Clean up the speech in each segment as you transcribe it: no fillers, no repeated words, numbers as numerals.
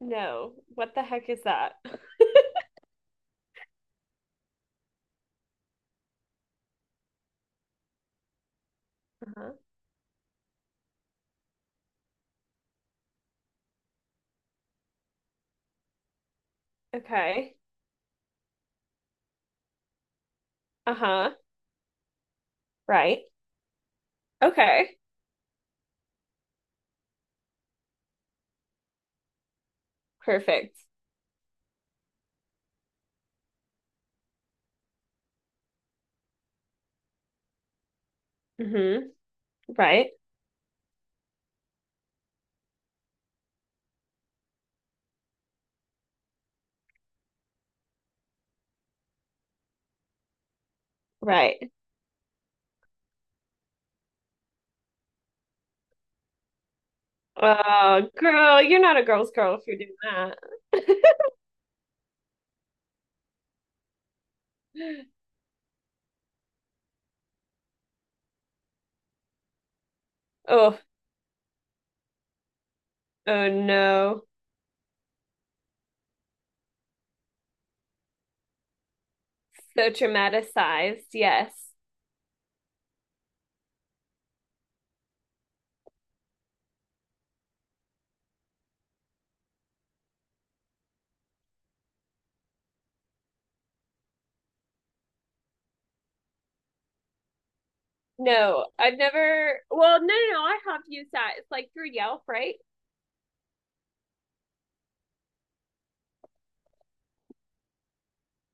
No. What the heck is that? Uh-huh. Okay. Uh-huh. Right. Okay. Perfect. Mm-hmm. Right. Right. Oh, girl, you're not a girl's girl if you're doing that. Oh, oh no. So traumatized. Yes. No, I've never. Well, no, no, no. I have used that. It's like through Yelp, right?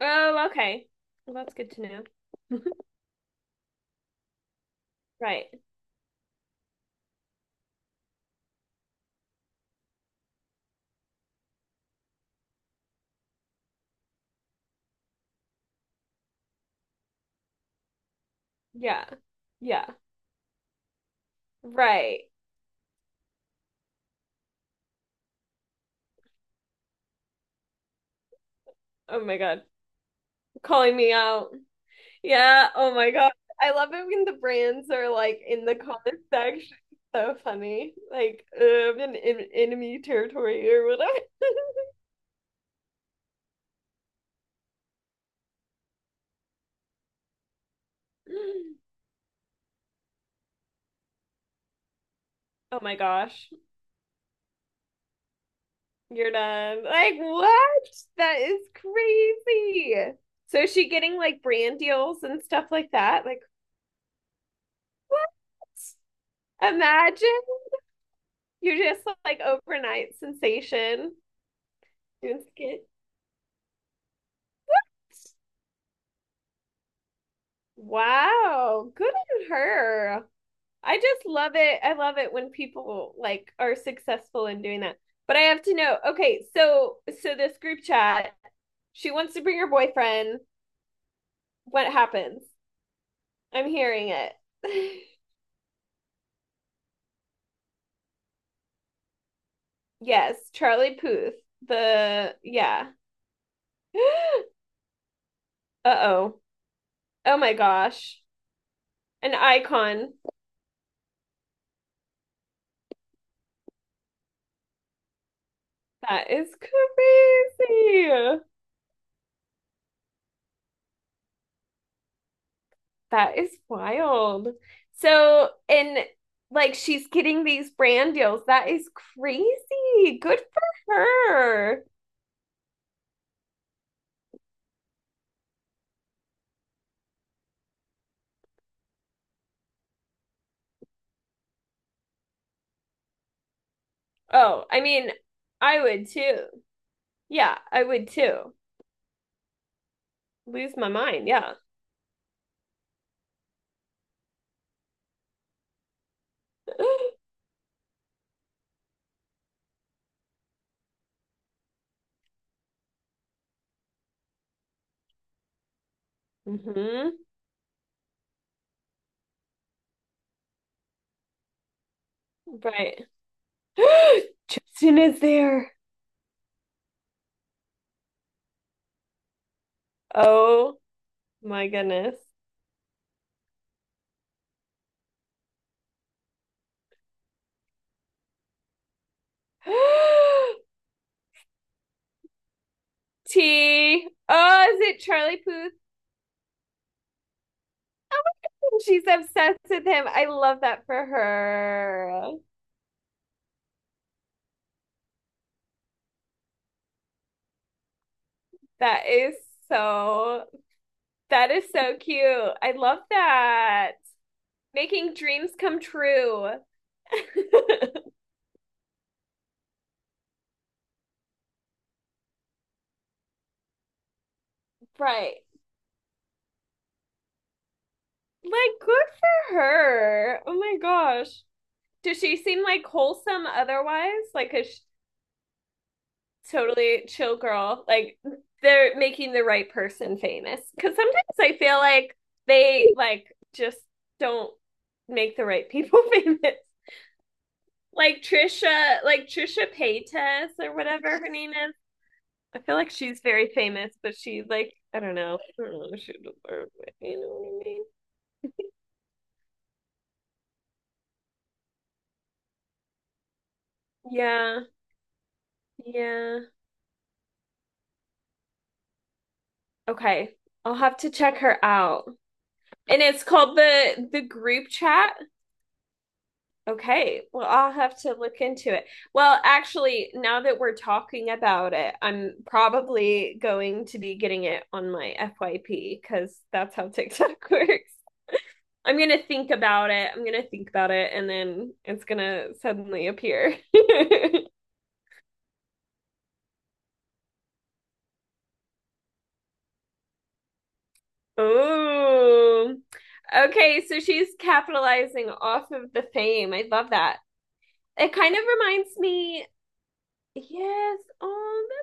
Oh, okay. Well, that's good to know. Right. Yeah. Yeah. Right. Oh my God. Calling me out. Yeah. Oh my God. I love it when the brands are like in the comment section. So funny. Like, in enemy territory or whatever. Oh my gosh. You're done. Like, what? That is crazy. So is she getting like brand deals and stuff like that? Like, what? Imagine you're just like overnight sensation doing skits. Wow. Good on her. I just love it. I love it when people like are successful in doing that. But I have to know. Okay, so this group chat, she wants to bring her boyfriend. What happens? I'm hearing it. Yes, Charlie Puth. The yeah. Uh-oh. Oh my gosh. An icon. That is crazy. That is wild. So, and like she's getting these brand deals. That is crazy. Good for her. Oh, I mean, I would too. Yeah, I would too. Lose my mind. Yeah. Hmm. Right. Justin is there. Oh my goodness. T. Oh, is it Charlie Puth? Oh my God, she's obsessed with him. I love that for her. That is so, that is so cute. I love that. Making dreams come true. Right. Like, good for her. Oh my gosh. Does she seem like wholesome otherwise? Like a sh- totally chill girl. Like, they're making the right person famous. Because sometimes I feel like they, like, just don't make the right people famous. Like Trisha Paytas or whatever her name is. I feel like she's very famous, but she like I don't know. I don't know. She deserves it. You know what I mean? Yeah. Yeah. Okay. I'll have to check her out. And it's called the group chat. Okay. Well, I'll have to look into it. Well, actually, now that we're talking about it, I'm probably going to be getting it on my FYP because that's how TikTok works. I'm gonna think about it. I'm gonna think about it, and then it's gonna suddenly appear. Oh, okay. So she's capitalizing off of the fame. I love that. It kind of reminds me, yes. Oh, that-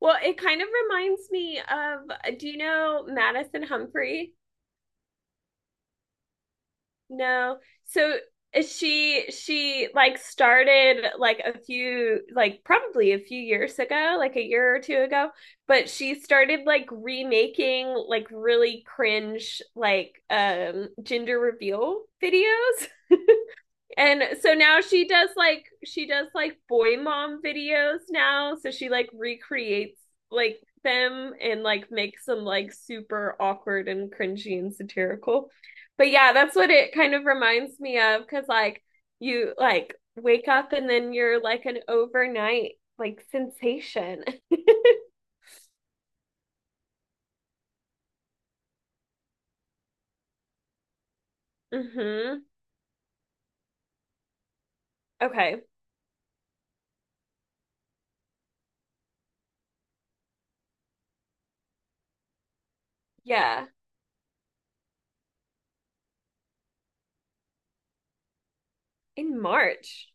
well, it kind of reminds me of, do you know Madison Humphrey? No. So she like started like a few like probably a few years ago, like a year or two ago, but she started like remaking like really cringe like gender reveal videos. And so now she does like boy mom videos now. So she like recreates like them and like makes them like super awkward and cringy and satirical. But yeah, that's what it kind of reminds me of because like you like wake up and then you're like an overnight like sensation. Mm-hmm. Okay. Yeah. In March.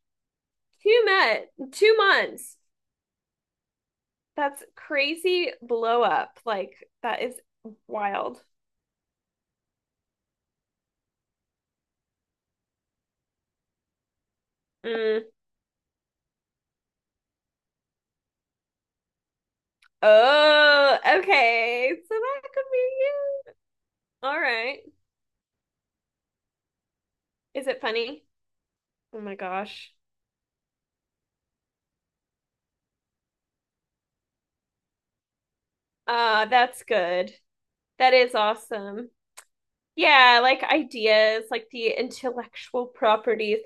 Two met 2 months. That's crazy blow up. Like that is wild. Mm. Oh, okay. So that could be you. All right. Is it funny? Oh my gosh. That's good. That is awesome. Yeah, like ideas, like the intellectual properties.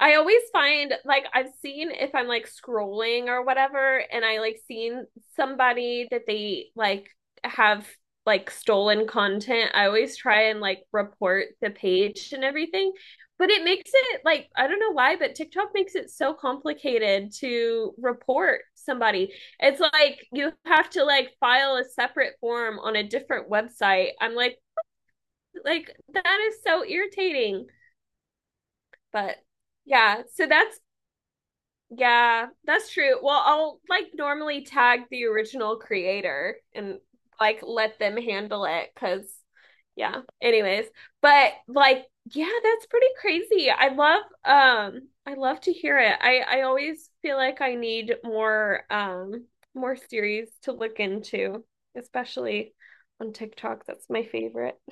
I always find like I've seen if I'm like scrolling or whatever, and I like seen somebody that they like have like stolen content. I always try and like report the page and everything, but it makes it like I don't know why, but TikTok makes it so complicated to report somebody. It's like you have to like file a separate form on a different website. I'm like that is so irritating, but yeah, so that's yeah, that's true. Well, I'll like normally tag the original creator and like let them handle it because, yeah, anyways. But like, yeah, that's pretty crazy. I love to hear it. I always feel like I need more more series to look into, especially on TikTok. That's my favorite.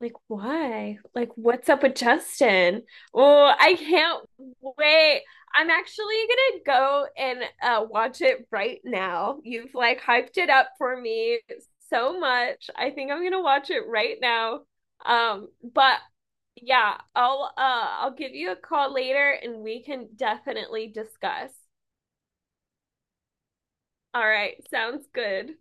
Like, why? Like, what's up with Justin? Oh, I can't wait. I'm actually gonna go and watch it right now. You've like hyped it up for me so much. I think I'm gonna watch it right now. But yeah, I'll give you a call later and we can definitely discuss. All right, sounds good.